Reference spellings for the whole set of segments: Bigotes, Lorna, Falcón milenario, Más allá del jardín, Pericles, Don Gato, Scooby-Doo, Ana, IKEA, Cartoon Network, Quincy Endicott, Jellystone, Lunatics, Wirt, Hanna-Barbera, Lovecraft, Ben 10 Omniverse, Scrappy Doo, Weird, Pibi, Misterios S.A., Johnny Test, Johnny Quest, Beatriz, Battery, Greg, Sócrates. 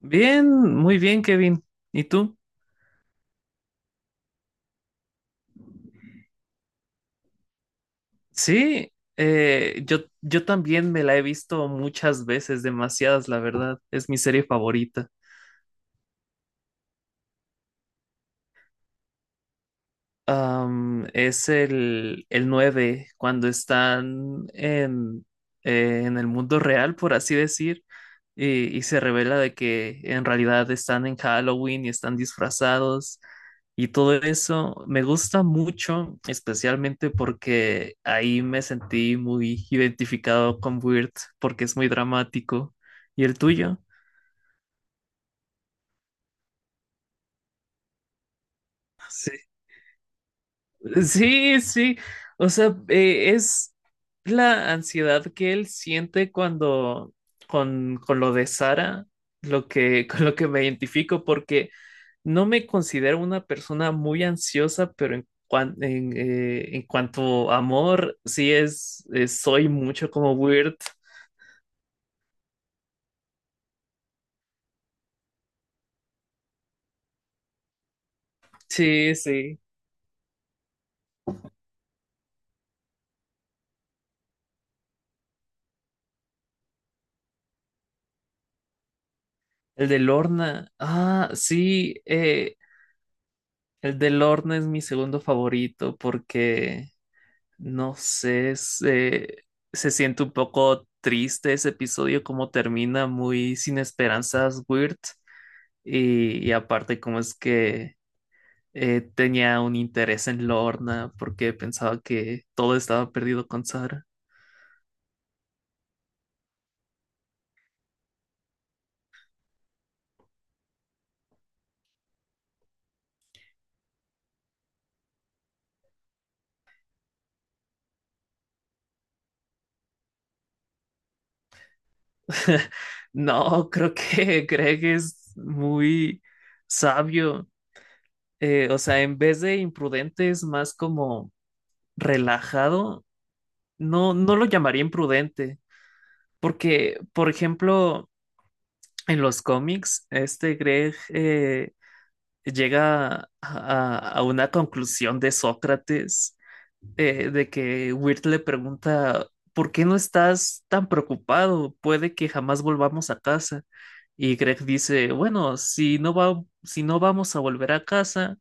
Bien, muy bien, Kevin. ¿Y tú? Sí, yo también me la he visto muchas veces, demasiadas, la verdad. Es mi serie favorita. Es el 9 cuando están en el mundo real, por así decir, y se revela de que en realidad están en Halloween y están disfrazados y todo eso. Me gusta mucho, especialmente porque ahí me sentí muy identificado con Weird, porque es muy dramático. ¿Y el tuyo? Sí, sí. O sea, es la ansiedad que él siente cuando con lo de Sara, lo que, con lo que me identifico, porque no me considero una persona muy ansiosa, pero en cuanto a amor, sí es, soy mucho como weird. Sí, sí. El de Lorna. Ah, sí, el de Lorna es mi segundo favorito porque no sé, se siente un poco triste ese episodio, como termina muy sin esperanzas, Weird. Y aparte, como es que tenía un interés en Lorna porque pensaba que todo estaba perdido con Sara. No, creo que Greg es muy sabio. O sea, en vez de imprudente, es más como relajado. No, no lo llamaría imprudente. Porque, por ejemplo, en los cómics, este Greg llega a una conclusión de Sócrates, de que Wirt le pregunta, ¿por qué no estás tan preocupado? Puede que jamás volvamos a casa. Y Greg dice, bueno, si no vamos a volver a casa,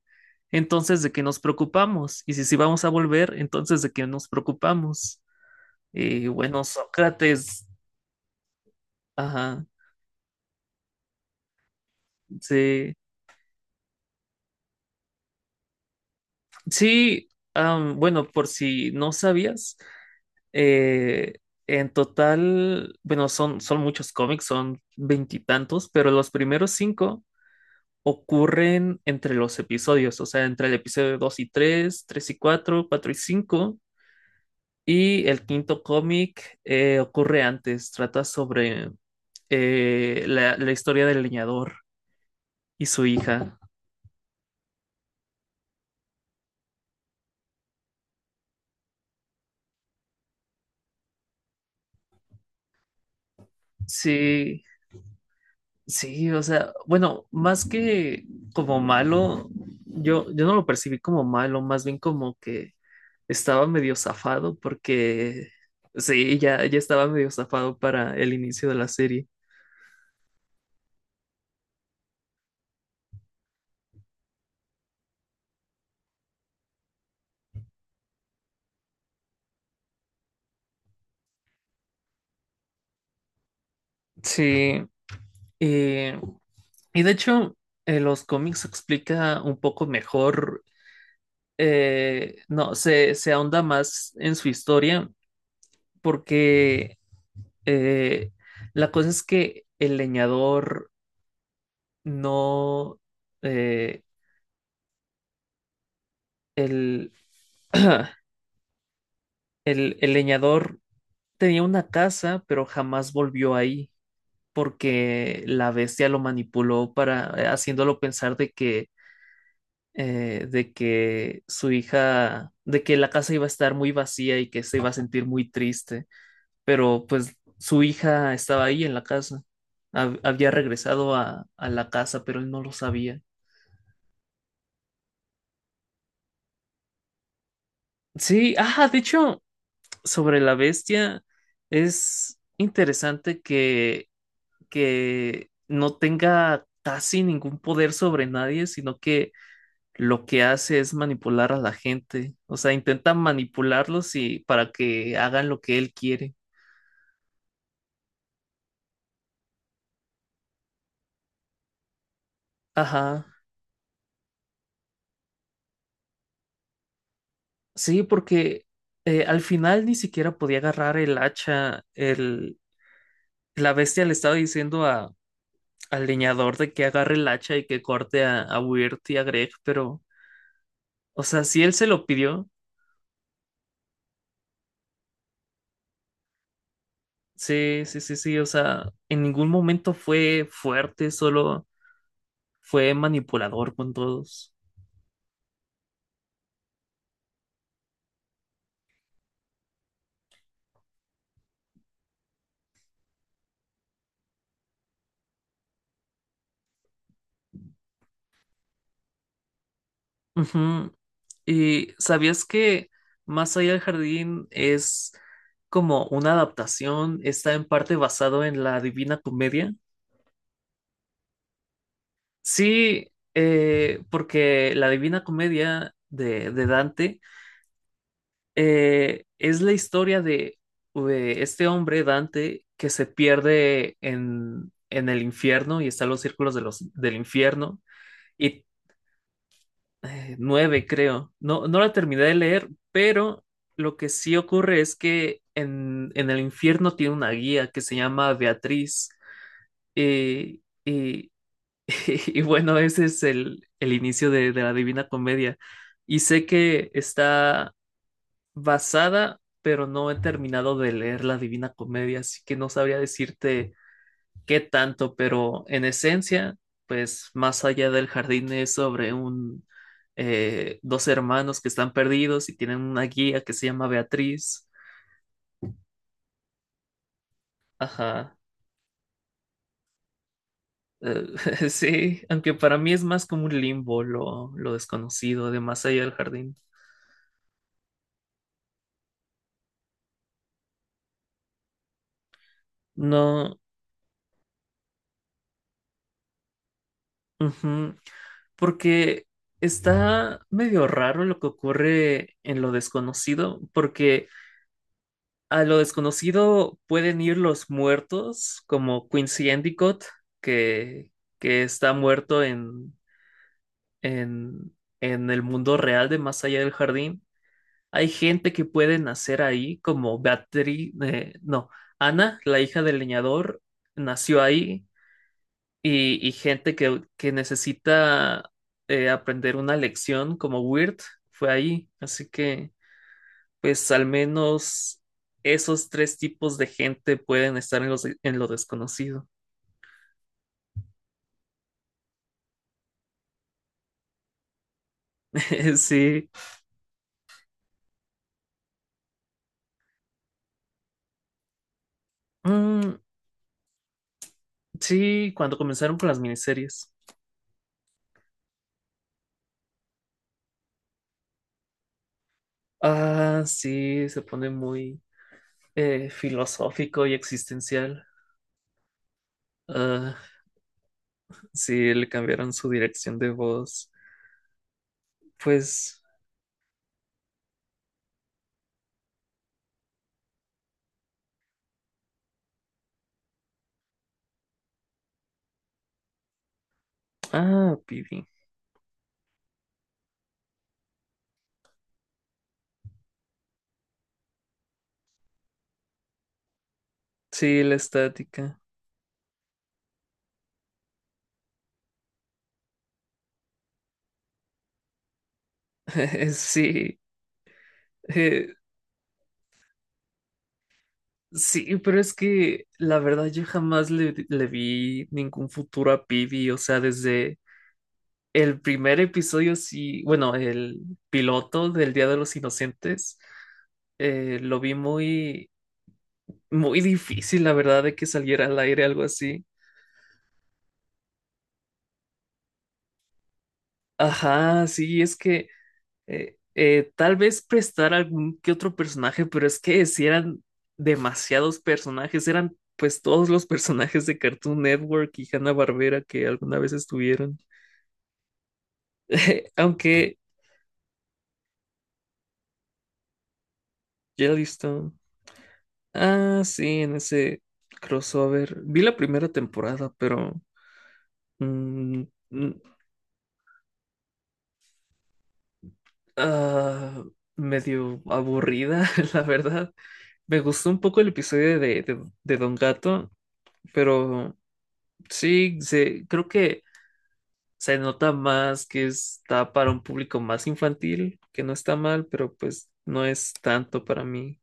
entonces de qué nos preocupamos. Y si sí vamos a volver, entonces de qué nos preocupamos. Y bueno, Sócrates, ajá, sí. Sí, bueno, por si no sabías, eh, en total, bueno, son muchos cómics, son veintitantos, pero los primeros cinco ocurren entre los episodios, o sea, entre el episodio 2 y 3, 3 y 4, 4 y 5, y el quinto cómic ocurre antes, trata sobre la historia del leñador y su hija. Sí, sí, o sea, bueno, más que como malo, yo no lo percibí como malo, más bien como que estaba medio zafado porque sí, ya estaba medio zafado para el inicio de la serie. Sí, eh, y de hecho, en los cómics se explica un poco mejor, no, se ahonda más en su historia porque eh, la cosa es que el leñador no eh, el, el leñador tenía una casa, pero jamás volvió ahí porque la bestia lo manipuló para haciéndolo pensar de que de que la casa iba a estar muy vacía y que se iba a sentir muy triste, pero pues su hija estaba ahí en la casa. Había regresado a la casa, pero él no lo sabía. Sí, de hecho, sobre la bestia, es interesante que no tenga casi ningún poder sobre nadie, sino que lo que hace es manipular a la gente. O sea, intenta manipularlos y para que hagan lo que él quiere. Ajá. Sí, porque al final ni siquiera podía agarrar el hacha. La bestia le estaba diciendo al leñador de que agarre el hacha y que corte a Weird y a Greg, pero, o sea, si él se lo pidió. Sí, sí, sí, sí, o sea, en ningún momento fue fuerte, solo fue manipulador con todos. Ujú. ¿Y sabías que Más allá del jardín es como una adaptación, está en parte basado en la Divina Comedia? Sí, porque la Divina Comedia de Dante es la historia de este hombre, Dante, que se pierde en el infierno y está en los círculos de del infierno. Y nueve, creo. No, no la terminé de leer, pero lo que sí ocurre es que en el infierno tiene una guía que se llama Beatriz. eh, y, y bueno, ese es el inicio de la Divina Comedia. Y sé que está basada, pero no he terminado de leer La Divina Comedia, así que no sabría decirte qué tanto, pero en esencia, pues más allá del jardín es sobre un dos hermanos que están perdidos y tienen una guía que se llama Beatriz. Ajá. Sí, aunque para mí es más como un limbo lo desconocido de más allá del jardín. No, ujú, porque está medio raro lo que ocurre en lo desconocido, porque a lo desconocido pueden ir los muertos, como Quincy Endicott, que, que está muerto en, en el mundo real de Más allá del jardín. Hay gente que puede nacer ahí, como Battery, no, Ana, la hija del leñador, nació ahí y gente que necesita aprender una lección como Weird fue ahí. Así que, pues al menos esos tres tipos de gente pueden estar en lo desconocido. Sí. Mm, sí, cuando comenzaron con las miniseries. Ah, sí, se pone muy filosófico y existencial. Ah, sí, le cambiaron su dirección de voz. Pues, Pibi. Sí, la estática. Sí, eh, sí, pero es que la verdad yo jamás le vi ningún futuro a Pibi, o sea, desde el primer episodio, sí, bueno, el piloto del Día de los Inocentes, lo vi muy, muy difícil, la verdad, de que saliera al aire algo así. Ajá, sí, es que tal vez prestar algún que otro personaje, pero es que si eran demasiados personajes, eran pues todos los personajes de Cartoon Network y Hanna-Barbera que alguna vez estuvieron. Aunque Jellystone. Ah, sí, en ese crossover. Vi la primera temporada, pero mm, mm, ah, medio aburrida, la verdad. Me gustó un poco el episodio de Don Gato, pero sí, creo que se nota más que está para un público más infantil, que no está mal, pero pues no es tanto para mí.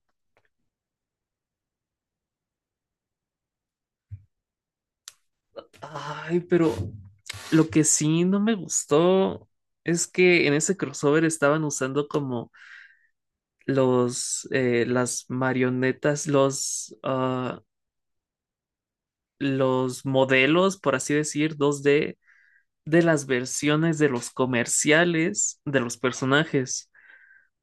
Ay, pero lo que sí no me gustó es que en ese crossover estaban usando como los las marionetas, los modelos, por así decir, 2D de las versiones de los comerciales de los personajes.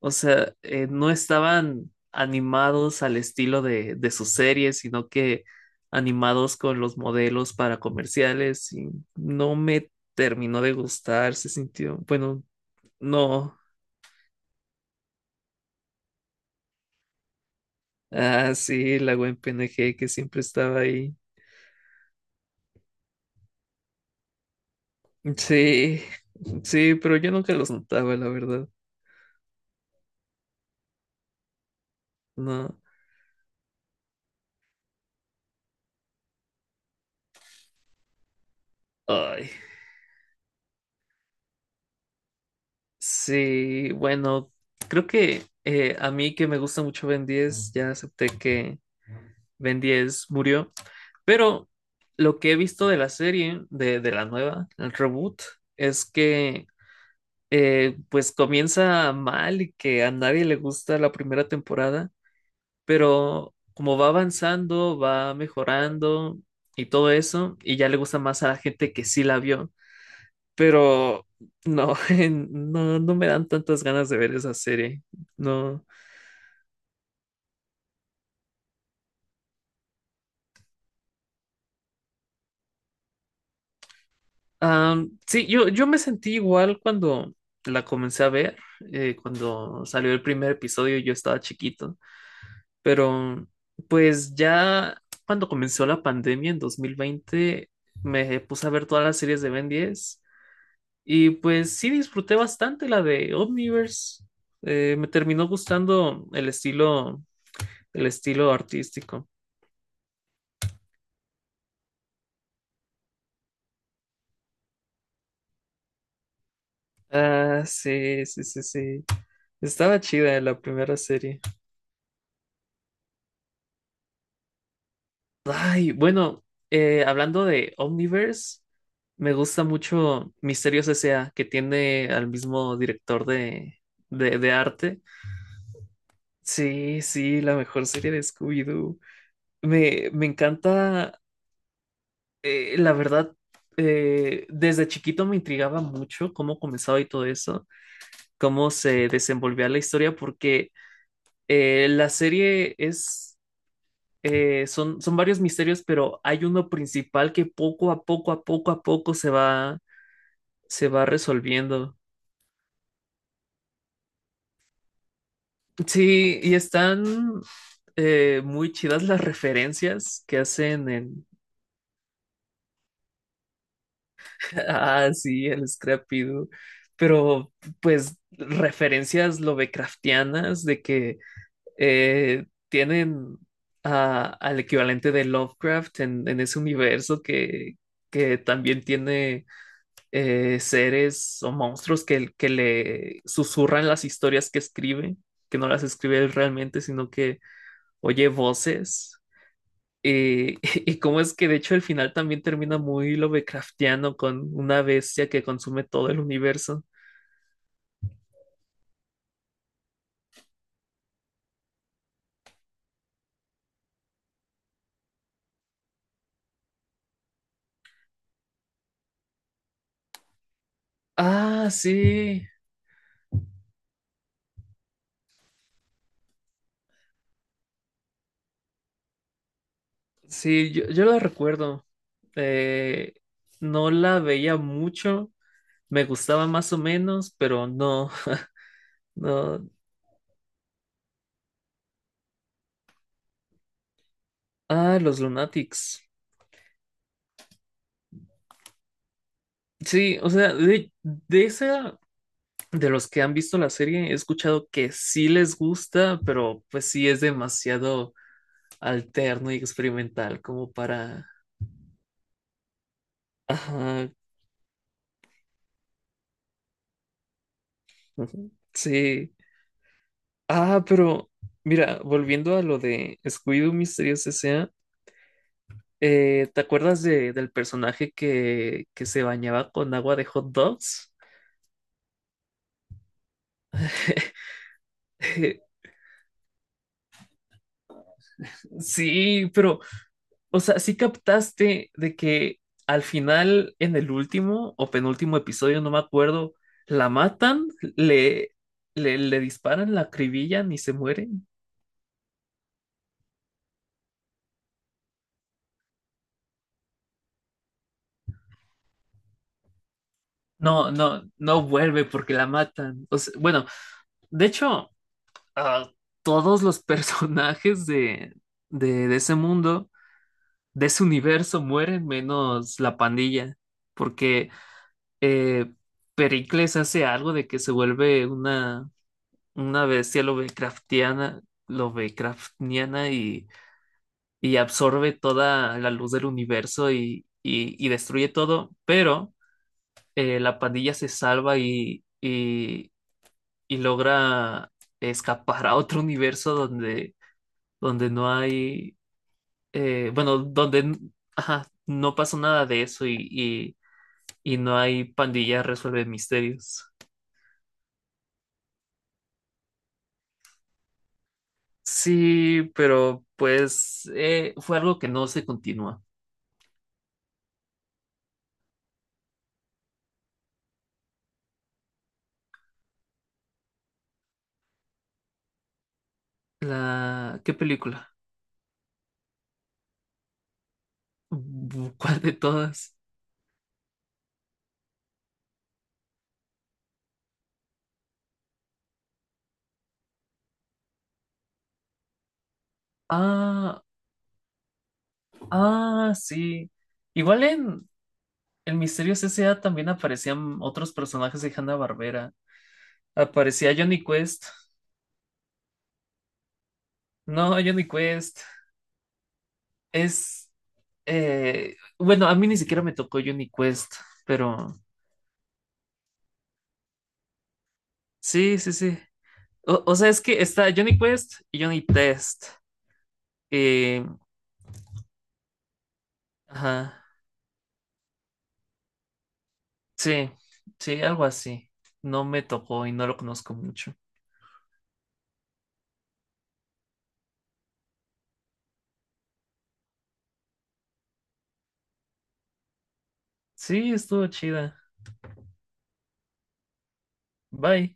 O sea, no estaban animados al estilo de sus series, sino que animados con los modelos para comerciales y no me terminó de gustar, se sintió, bueno, no. Ah, sí, la buen PNG que siempre estaba ahí. Sí, sí, pero yo nunca los notaba, la verdad. No. Ay, sí, bueno, creo que a mí que me gusta mucho Ben 10, ya acepté que Ben 10 murió. Pero lo que he visto de la serie, de la nueva, el reboot, es que pues comienza mal y que a nadie le gusta la primera temporada, pero como va avanzando, va mejorando y todo eso, y ya le gusta más a la gente que sí la vio. Pero no, no me dan tantas ganas de ver esa serie. No, sí, yo me sentí igual cuando la comencé a ver, cuando salió el primer episodio, yo estaba chiquito, pero pues ya cuando comenzó la pandemia en 2020 me puse a ver todas las series de Ben 10 y pues sí disfruté bastante la de Omniverse. Me terminó gustando el estilo, artístico. Ah, sí, sí, sí, sí. Estaba chida la primera serie. Ay, bueno, hablando de Omniverse, me gusta mucho Misterios S.A., que tiene al mismo director de arte. Sí, sí, la mejor serie de Scooby-Doo. Me encanta, la verdad, desde chiquito me intrigaba mucho cómo comenzaba y todo eso, cómo se desenvolvía la historia, porque la serie es son varios misterios, pero hay uno principal que poco a poco, a poco a poco se va resolviendo. Sí, y están muy chidas las referencias que hacen en... Ah, sí, el Scrappy Doo. Pero pues referencias lovecraftianas de que tienen al equivalente de Lovecraft en ese universo que también tiene seres o monstruos que le susurran las historias que escribe, que no las escribe él realmente, sino que oye voces. Eh, y cómo es que de hecho el final también termina muy Lovecraftiano con una bestia que consume todo el universo. Ah, sí, sí, yo la recuerdo. Eh, no la veía mucho, me gustaba más o menos, pero no, no. Ah, los Lunatics. Sí, o sea, de esa, de los que han visto la serie, he escuchado que sí les gusta, pero pues sí es demasiado alterno y experimental como para... Ajá, ujú, sí. Ah, pero mira, volviendo a lo de Scooby-Doo Misterios S.A., ¿te acuerdas del personaje que se bañaba con agua de hot dogs? Sí, pero, o sea, sí captaste de que al final, en el último o penúltimo episodio, no me acuerdo, la matan, le, le disparan, la acribillan y se mueren. No, no, no vuelve porque la matan. O sea, bueno, de hecho, ah, todos los personajes de ese mundo, de ese universo, mueren menos la pandilla, porque eh, Pericles hace algo de que se vuelve una bestia Lovecraftiana, y absorbe toda la luz del universo y destruye todo, pero la pandilla se salva y logra escapar a otro universo donde no hay, bueno, donde no pasó nada de eso y no hay pandilla resuelve misterios. Sí, pero pues fue algo que no se continúa. ¿Qué película? ¿Cuál de todas? Ah, sí. Igual en El Misterio C S.A. también aparecían otros personajes de Hanna-Barbera. Aparecía Johnny Quest. No, Johnny Quest. Es... Bueno, a mí ni siquiera me tocó Johnny Quest, pero... Sí, sí, sí. O sea, es que está Johnny Quest y Johnny Test. Eh, ajá. Sí, sí, algo así. No me tocó y no lo conozco mucho. Sí, estuvo chida. Bye.